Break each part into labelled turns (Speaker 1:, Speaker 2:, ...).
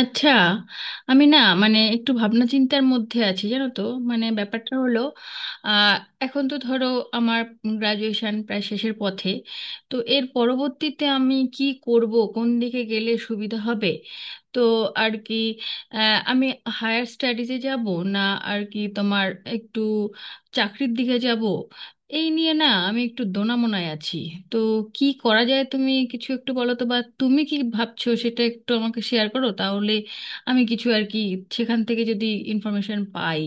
Speaker 1: আচ্ছা। আমি মানে একটু ভাবনা চিন্তার মধ্যে আছি, জানো তো। মানে ব্যাপারটা হলো, আহ, এখন তো ধরো আমার গ্রাজুয়েশন প্রায় শেষের পথে। তো এর পরবর্তীতে আমি কি করব, কোন দিকে গেলে সুবিধা হবে। তো আর কি আমি হায়ার স্টাডিজে যাব, না আর কি তোমার একটু চাকরির দিকে যাব, এই নিয়ে না আমি একটু দোনামোনায় আছি। তো কি করা যায়, তুমি কিছু একটু বলো তো, বা তুমি কি ভাবছো সেটা একটু আমাকে শেয়ার করো তাহলে। আমি কিছু আর কি সেখান থেকে যদি ইনফরমেশন পাই।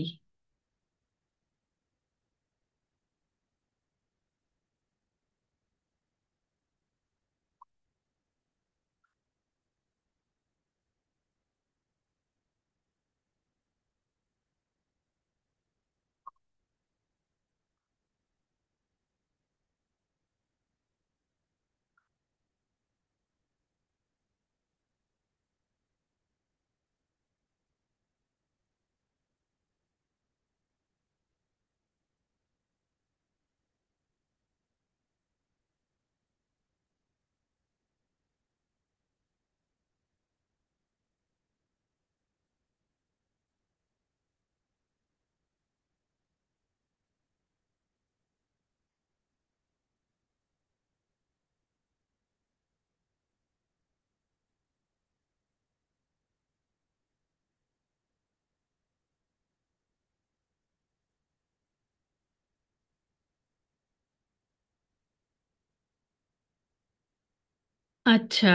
Speaker 1: আচ্ছা,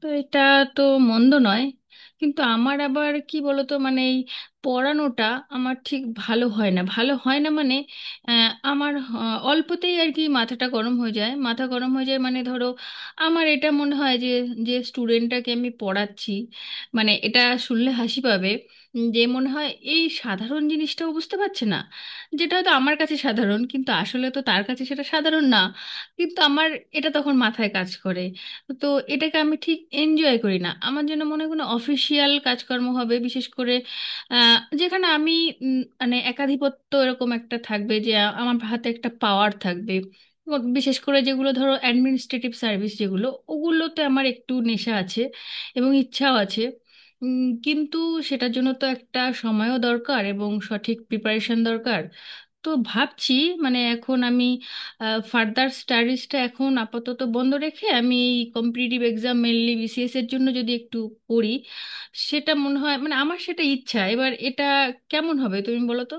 Speaker 1: তো এটা তো মন্দ নয়, কিন্তু আমার আবার কি বলতো, মানে এই পড়ানোটা আমার ঠিক ভালো হয় না, ভালো হয় না, মানে আমার অল্পতেই আর কি মাথাটা গরম হয়ে যায়, মাথা গরম হয়ে যায়, মানে ধরো আমার এটা মনে হয় যে, যে স্টুডেন্টটাকে আমি পড়াচ্ছি, মানে এটা শুনলে হাসি পাবে, যে মনে হয় এই সাধারণ জিনিসটাও বুঝতে পারছে না, যেটা হয়তো আমার কাছে সাধারণ কিন্তু আসলে তো তার কাছে সেটা সাধারণ না, কিন্তু আমার এটা তখন মাথায় কাজ করে। তো এটাকে আমি ঠিক এনজয় করি না। আমার জন্য মনে হয় কোনো অফিসিয়াল কাজকর্ম হবে, বিশেষ করে আহ, যেখানে আমি মানে একাধিপত্য এরকম একটা থাকবে, যে আমার হাতে একটা পাওয়ার থাকবে। এবং বিশেষ করে যেগুলো ধরো অ্যাডমিনিস্ট্রেটিভ সার্ভিস, যেগুলো ওগুলোতে আমার একটু নেশা আছে, এবং ইচ্ছাও আছে। কিন্তু সেটার জন্য তো একটা সময়ও দরকার এবং সঠিক প্রিপারেশন দরকার। তো ভাবছি মানে এখন আমি ফার্দার স্টাডিজটা এখন আপাতত বন্ধ রেখে আমি এই কম্পিটিটিভ এক্সাম, মেনলি বিসিএস এর জন্য যদি একটু পড়ি, সেটা মনে হয়, মানে আমার সেটা ইচ্ছা। এবার এটা কেমন হবে তুমি বলো তো।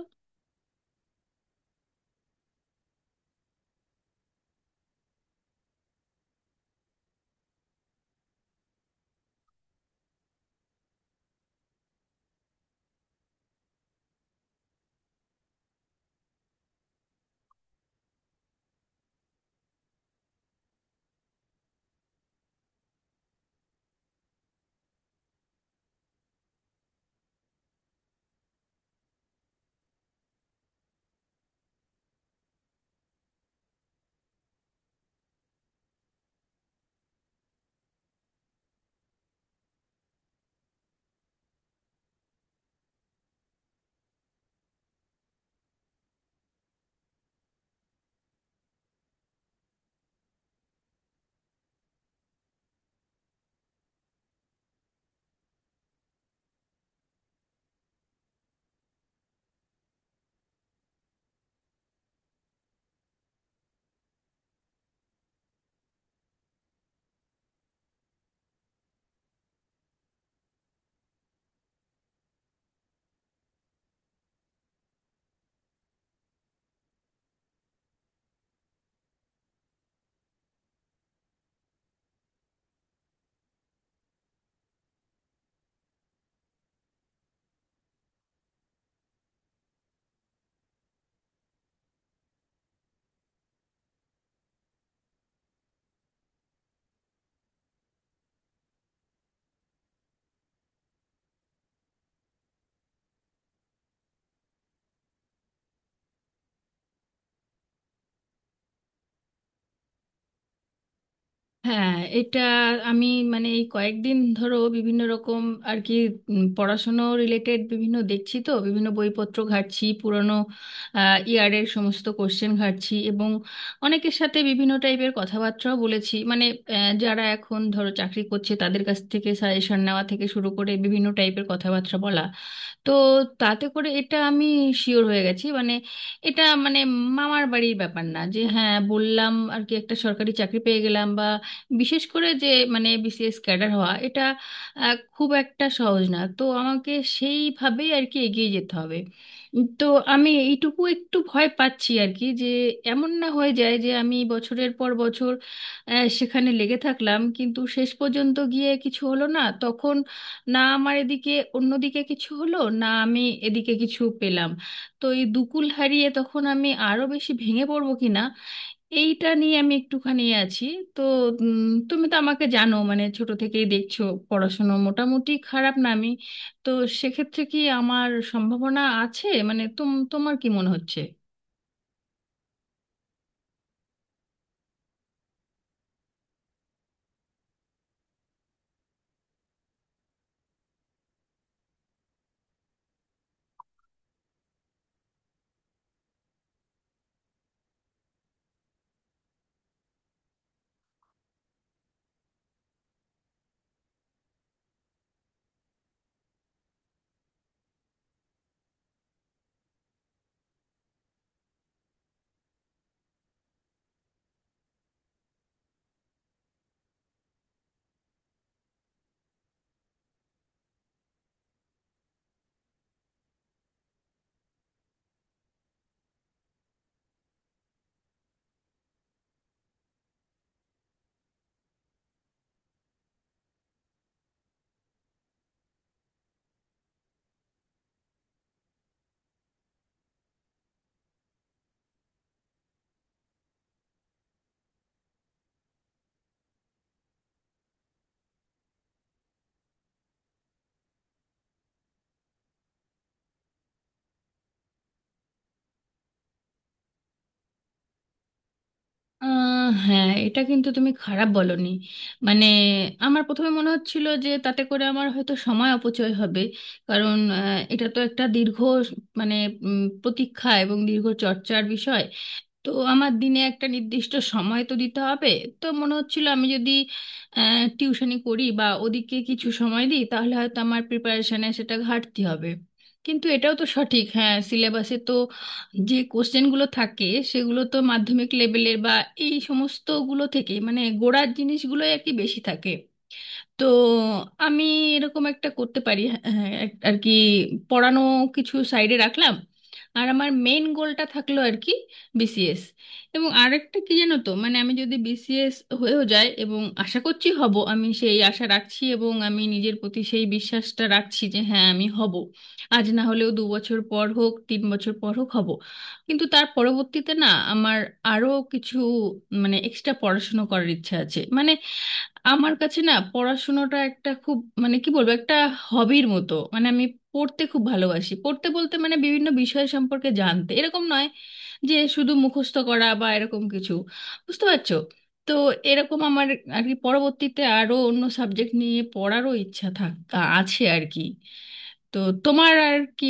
Speaker 1: হ্যাঁ, এটা আমি মানে এই কয়েকদিন ধরো বিভিন্ন রকম আর কি পড়াশুনো রিলেটেড বিভিন্ন দেখছি তো, বিভিন্ন বইপত্র ঘাঁটছি, পুরনো ইয়ারের সমস্ত কোশ্চেন ঘাঁটছি, এবং অনেকের সাথে বিভিন্ন টাইপের কথাবার্তাও বলেছি। মানে যারা এখন ধরো চাকরি করছে তাদের কাছ থেকে সাজেশন নেওয়া থেকে শুরু করে বিভিন্ন টাইপের কথাবার্তা বলা। তো তাতে করে এটা আমি শিওর হয়ে গেছি, মানে এটা মানে মামার বাড়ির ব্যাপার না যে হ্যাঁ বললাম আর কি একটা সরকারি চাকরি পেয়ে গেলাম, বা বিশেষ করে যে মানে বিসিএস ক্যাডার হওয়া এটা খুব একটা সহজ না। তো আমাকে সেইভাবেই আর কি এগিয়ে যেতে হবে। তো আমি এইটুকু একটু ভয় পাচ্ছি আর কি, যে এমন না হয়ে যায় যে আমি বছরের পর বছর সেখানে লেগে থাকলাম কিন্তু শেষ পর্যন্ত গিয়ে কিছু হলো না, তখন না আমার এদিকে অন্যদিকে কিছু হলো না, আমি এদিকে কিছু পেলাম, তো এই দুকুল হারিয়ে তখন আমি আরো বেশি ভেঙে পড়বো কিনা, এইটা নিয়ে আমি একটুখানি এ আছি। তো উম, তুমি তো আমাকে জানো, মানে ছোট থেকেই দেখছো, পড়াশোনা মোটামুটি খারাপ না আমি। তো সেক্ষেত্রে কি আমার সম্ভাবনা আছে, মানে তোমার কি মনে হচ্ছে। আহ হ্যাঁ, এটা কিন্তু তুমি খারাপ বলনি। মানে আমার প্রথমে মনে হচ্ছিল যে তাতে করে আমার হয়তো সময় অপচয় হবে, কারণ এটা তো একটা দীর্ঘ, মানে প্রতীক্ষা এবং দীর্ঘ চর্চার বিষয়। তো আমার দিনে একটা নির্দিষ্ট সময় তো দিতে হবে। তো মনে হচ্ছিল আমি যদি টিউশনি করি বা ওদিকে কিছু সময় দিই তাহলে হয়তো আমার প্রিপারেশনে সেটা ঘাটতি হবে। কিন্তু এটাও তো সঠিক, হ্যাঁ সিলেবাসে তো যে কোশ্চেনগুলো থাকে সেগুলো তো মাধ্যমিক লেভেলের বা এই সমস্তগুলো থেকে মানে গোড়ার জিনিসগুলোই আর কি বেশি থাকে। তো আমি এরকম একটা করতে পারি, হ্যাঁ, হ্যাঁ, আর কি পড়ানো কিছু সাইডে রাখলাম আর আমার মেন গোলটা থাকলো আর কি বিসিএস। এবং আরেকটা কি জানো তো, মানে আমি যদি বিসিএস হয়েও যায় এবং আশা করছি হব, আমি সেই আশা রাখছি এবং আমি নিজের প্রতি সেই বিশ্বাসটা রাখছি যে হ্যাঁ আমি হব, আজ না হলেও 2 বছর পর হোক 3 বছর পর হোক হব। কিন্তু তার পরবর্তীতে না আমার আরও কিছু মানে এক্সট্রা পড়াশুনো করার ইচ্ছা আছে। মানে আমার কাছে না পড়াশোনাটা একটা খুব মানে কি বলবো একটা হবির মতো, মানে আমি পড়তে খুব ভালোবাসি। পড়তে বলতে মানে বিভিন্ন বিষয় সম্পর্কে জানতে, এরকম নয় যে শুধু মুখস্থ করা বা এরকম কিছু, বুঝতে পারছো। তো এরকম আমার আর কি পরবর্তীতে আরো অন্য সাবজেক্ট নিয়ে পড়ারও ইচ্ছা থাক আছে আর কি। তো তোমার আর কি।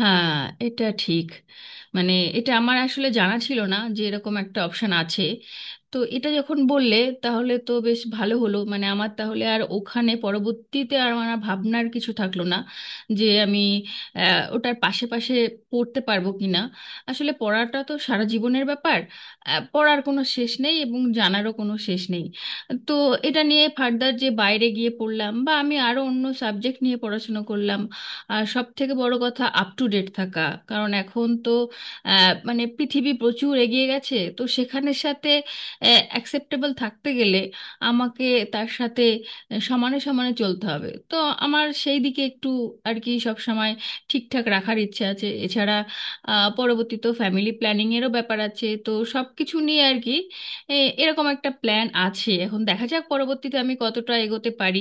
Speaker 1: হ্যাঁ এটা ঠিক। মানে এটা আমার আসলে জানা ছিল না যে এরকম একটা অপশন আছে। তো এটা যখন বললে তাহলে তো বেশ ভালো হলো, মানে আমার তাহলে আর ওখানে পরবর্তীতে আর আমার আর ভাবনার কিছু থাকলো না যে আমি ওটার পাশে পাশে পড়তে পারবো কিনা। আসলে পড়াটা তো সারা জীবনের ব্যাপার, পড়ার কোনো শেষ নেই এবং জানারও কোনো শেষ নেই। তো এটা নিয়ে ফার্দার যে বাইরে গিয়ে পড়লাম বা আমি আরো অন্য সাবজেক্ট নিয়ে পড়াশোনা করলাম, আর সব থেকে বড় কথা আপ টু ডেট থাকা। কারণ এখন তো মানে পৃথিবী প্রচুর এগিয়ে গেছে, তো সেখানের সাথে অ্যাকসেপ্টেবল থাকতে গেলে আমাকে তার সাথে সমানে সমানে চলতে হবে। তো আমার সেই দিকে একটু আর কি সব সময় ঠিকঠাক রাখার ইচ্ছে আছে। এছাড়া পরবর্তীতে ফ্যামিলি প্ল্যানিং এরও ব্যাপার আছে, তো সব কিছু নিয়ে আর কি এরকম একটা প্ল্যান আছে। এখন দেখা যাক পরবর্তীতে আমি কতটা এগোতে পারি।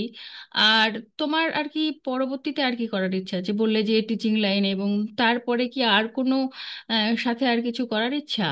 Speaker 1: আর তোমার আর কি পরবর্তীতে আর কি করার ইচ্ছা আছে, বললে যে টিচিং লাইন, এবং তারপরে কি আর কোনো সাথে আর কিছু করার ইচ্ছা।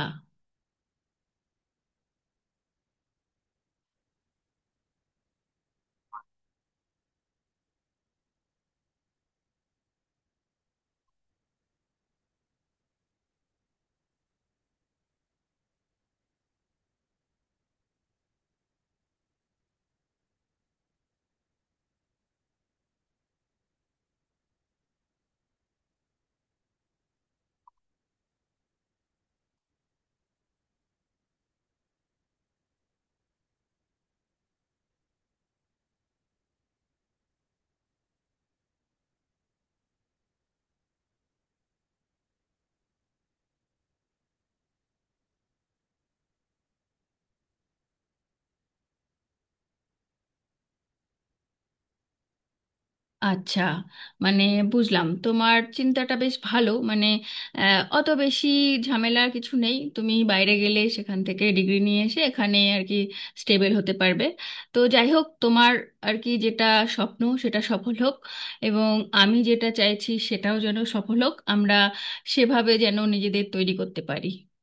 Speaker 1: আচ্ছা, মানে বুঝলাম তোমার চিন্তাটা বেশ ভালো। মানে অত বেশি ঝামেলার কিছু নেই, তুমি বাইরে গেলে সেখান থেকে ডিগ্রি নিয়ে এসে এখানে আর কি স্টেবল হতে পারবে। তো যাই হোক তোমার আর কি যেটা স্বপ্ন সেটা সফল হোক, এবং আমি যেটা চাইছি সেটাও যেন সফল হোক, আমরা সেভাবে যেন নিজেদের তৈরি করতে পারি।